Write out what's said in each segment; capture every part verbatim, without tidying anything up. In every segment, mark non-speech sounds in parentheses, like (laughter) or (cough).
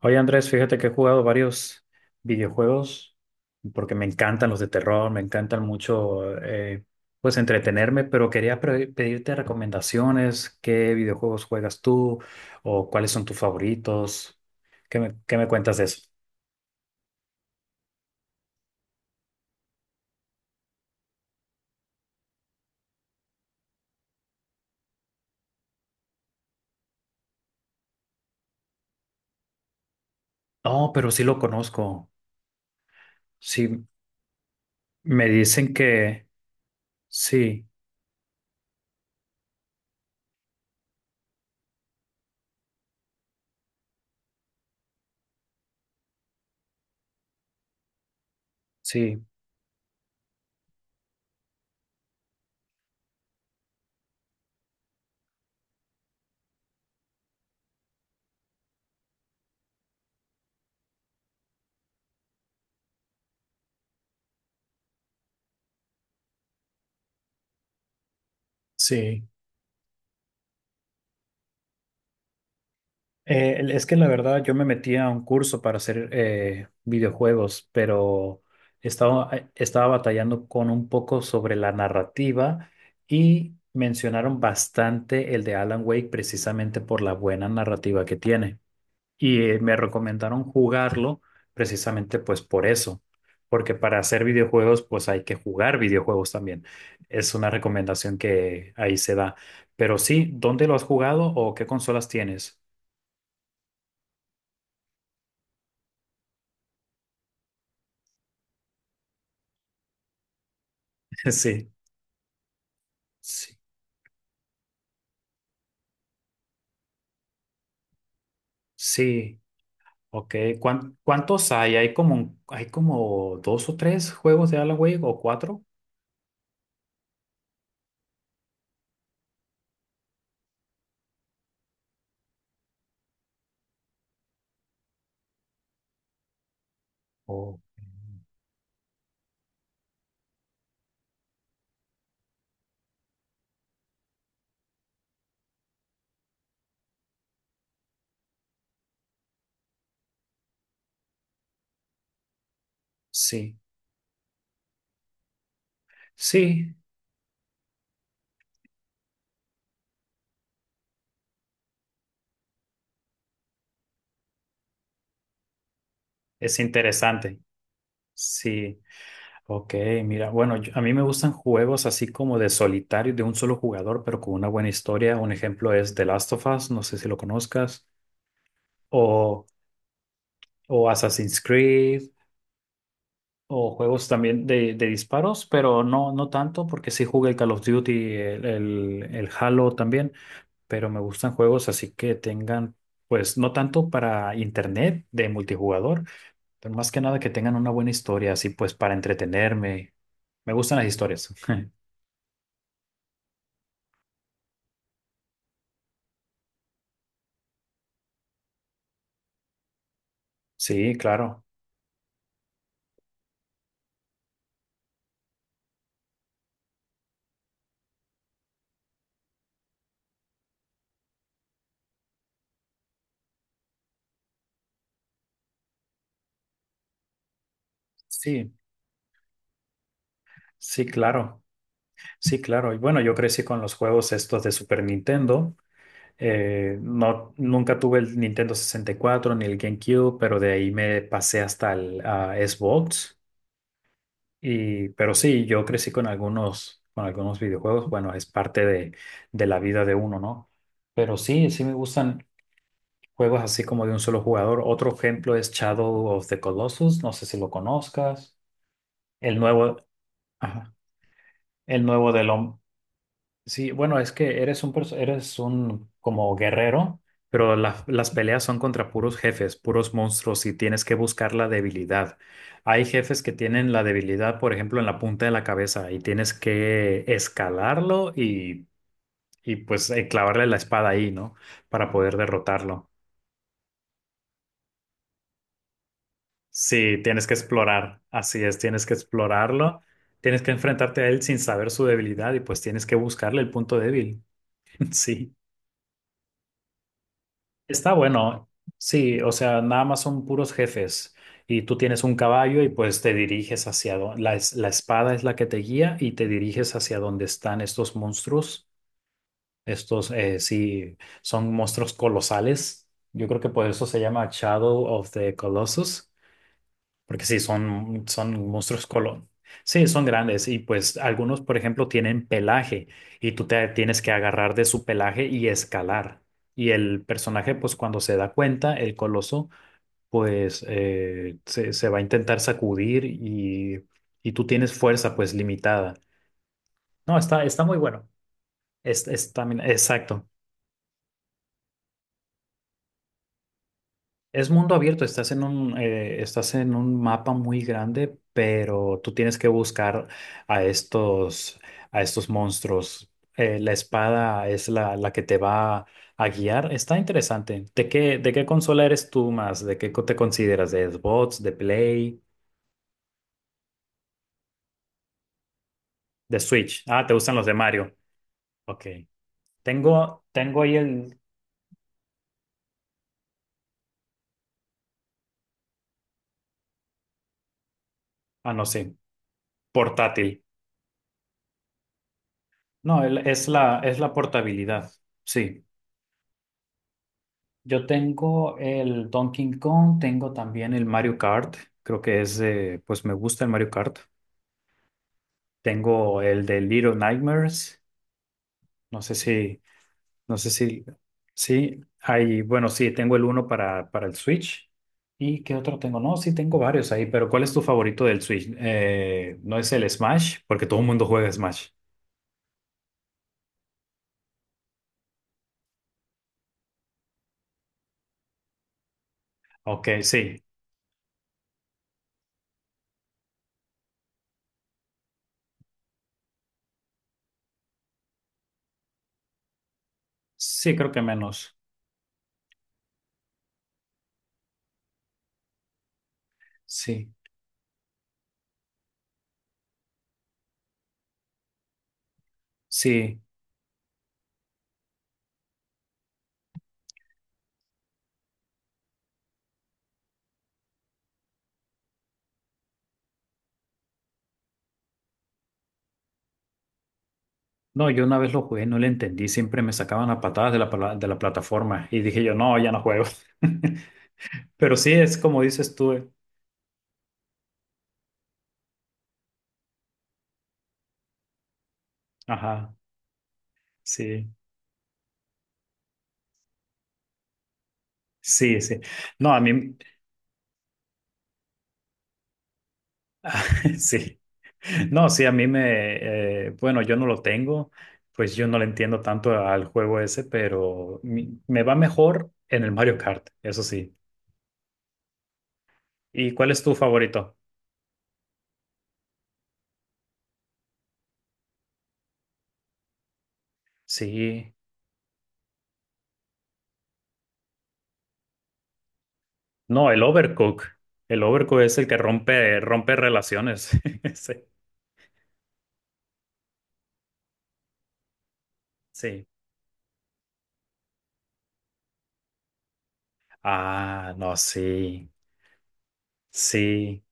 Oye Andrés, fíjate que he jugado varios videojuegos porque me encantan los de terror, me encantan mucho, eh, pues entretenerme, pero quería pre- pedirte recomendaciones, qué videojuegos juegas tú o cuáles son tus favoritos. ¿Qué me, Qué me cuentas de eso? No, pero sí lo conozco. Sí, me dicen que sí, sí, sí. Eh, el- es que la verdad yo me metí a un curso para hacer eh, videojuegos, pero estaba, eh, estaba batallando con un poco sobre la narrativa y mencionaron bastante el de Alan Wake precisamente por la buena narrativa que tiene. Y eh, me recomendaron jugarlo precisamente pues por eso, porque para hacer videojuegos pues hay que jugar videojuegos también. Es una recomendación que ahí se da. Pero sí, ¿dónde lo has jugado o qué consolas tienes? (laughs) Sí. Sí, sí, ok. ¿Cuán- ¿Cuántos hay? ¿Hay como, un- hay como dos o tres juegos de Alan Wake o cuatro? O sí, sí, es interesante. Sí, ok, mira, bueno, yo- a mí me gustan juegos así como de solitario, de un solo jugador, pero con una buena historia. Un ejemplo es The Last of Us, no sé si lo conozcas, o, o Assassin's Creed, o juegos también de, de disparos, pero no, no tanto, porque sí jugué el Call of Duty, el, el el Halo también. Pero me gustan juegos así que tengan, pues no tanto para internet de multijugador, pero más que nada que tengan una buena historia, así pues para entretenerme. Me gustan las historias. (laughs) Sí, claro. Sí, sí, claro. Sí, claro. Y bueno, yo crecí con los juegos estos de Super Nintendo. Eh, no, nunca tuve el Nintendo sesenta y cuatro ni el GameCube, pero de ahí me pasé hasta el ah, Xbox. Y, pero sí, yo crecí con algunos, con algunos videojuegos. Bueno, es parte de, de la vida de uno, ¿no? Pero sí, sí me gustan juegos así como de un solo jugador. Otro ejemplo es Shadow of the Colossus. No sé si lo conozcas. El nuevo, ajá, el nuevo del hombre. Sí, bueno, es que eres un perso- eres un como guerrero, pero la- las peleas son contra puros jefes, puros monstruos y tienes que buscar la debilidad. Hay jefes que tienen la debilidad, por ejemplo, en la punta de la cabeza y tienes que escalarlo y, y pues eh, clavarle la espada ahí, ¿no? Para poder derrotarlo. Sí, tienes que explorar, así es, tienes que explorarlo, tienes que enfrentarte a él sin saber su debilidad y pues tienes que buscarle el punto débil. (laughs) Sí. Está bueno, sí, o sea, nada más son puros jefes y tú tienes un caballo y pues te diriges hacia donde, la, es- la espada es la que te guía y te diriges hacia donde están estos monstruos, estos eh, sí, son monstruos colosales, yo creo que por eso se llama Shadow of the Colossus. Porque sí, son, son monstruos colón. Sí, son grandes y pues algunos, por ejemplo, tienen pelaje y tú te tienes que agarrar de su pelaje y escalar. Y el personaje, pues cuando se da cuenta, el coloso, pues eh, se, se va a intentar sacudir y, y tú tienes fuerza pues limitada. No, está, está muy bueno. Es, es también, exacto. Es mundo abierto, estás en un, eh, estás en un mapa muy grande, pero tú tienes que buscar a estos, a estos monstruos. Eh, la espada es la, la que te va a guiar. Está interesante. ¿De qué, de qué consola eres tú más? ¿De qué co- Te consideras ¿de Xbox, de Play, de Switch? Ah, te gustan los de Mario. Ok. Tengo, tengo ahí el, ah, no sé, portátil. No, el- es la, es la portabilidad. Sí. Yo tengo el Donkey Kong, tengo también el Mario Kart, creo que es, eh, pues me gusta el Mario Kart. Tengo el de Little Nightmares, no sé si, no sé si, sí, hay, bueno, sí, tengo el uno para, para el Switch. ¿Y qué otro tengo? No, sí, tengo varios ahí, pero ¿cuál es tu favorito del Switch? Eh, ¿no es el Smash? Porque todo el mundo juega Smash. Ok, sí, sí, creo que menos, sí, sí. No, yo una vez lo jugué, no le entendí, siempre me sacaban a patadas de la, pala- de la plataforma y dije yo, no, ya no juego. (laughs) Pero sí, es como dices tú. eh. Ajá, sí, sí, sí. No, a mí, (laughs) sí. No, sí, a mí me, eh, bueno, yo no lo tengo, pues yo no le entiendo tanto al juego ese, pero mi- me va mejor en el Mario Kart, eso sí. ¿Y cuál es tu favorito? Sí. No, el Overcook. El Overcook es el que rompe, rompe relaciones. (laughs) Sí. Sí. Ah, no, sí, sí,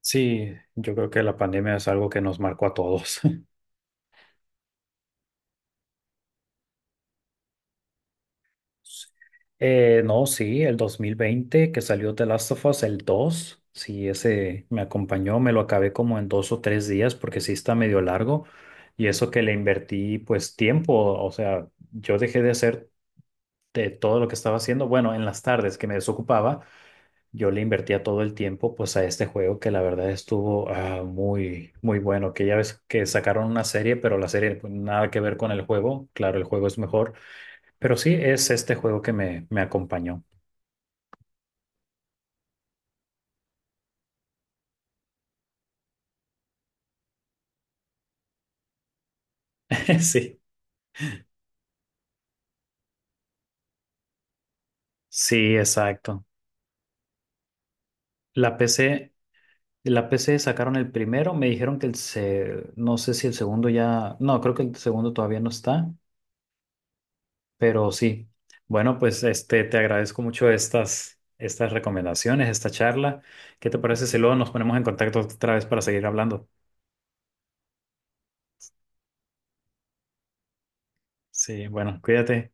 sí. Yo creo que la pandemia es algo que nos marcó a todos. (laughs) Eh, no, sí, el dos mil veinte que salió The Last of Us, el dos, sí, ese me acompañó, me lo acabé como en dos o tres días porque sí está medio largo y eso que le invertí pues tiempo, o sea, yo dejé de hacer de todo lo que estaba haciendo, bueno, en las tardes que me desocupaba. Yo le invertía todo el tiempo pues a este juego que la verdad estuvo ah, muy muy bueno, que ya ves que sacaron una serie, pero la serie pues, nada que ver con el juego, claro, el juego es mejor, pero sí es este juego que me, me acompañó. (laughs) Sí, sí, exacto. La P C, la P C sacaron el primero, me dijeron que el se, no sé si el segundo ya, no, creo que el segundo todavía no está. Pero sí, bueno, pues este, te agradezco mucho estas, estas recomendaciones, esta charla. ¿Qué te parece si luego nos ponemos en contacto otra vez para seguir hablando? Sí, bueno, cuídate.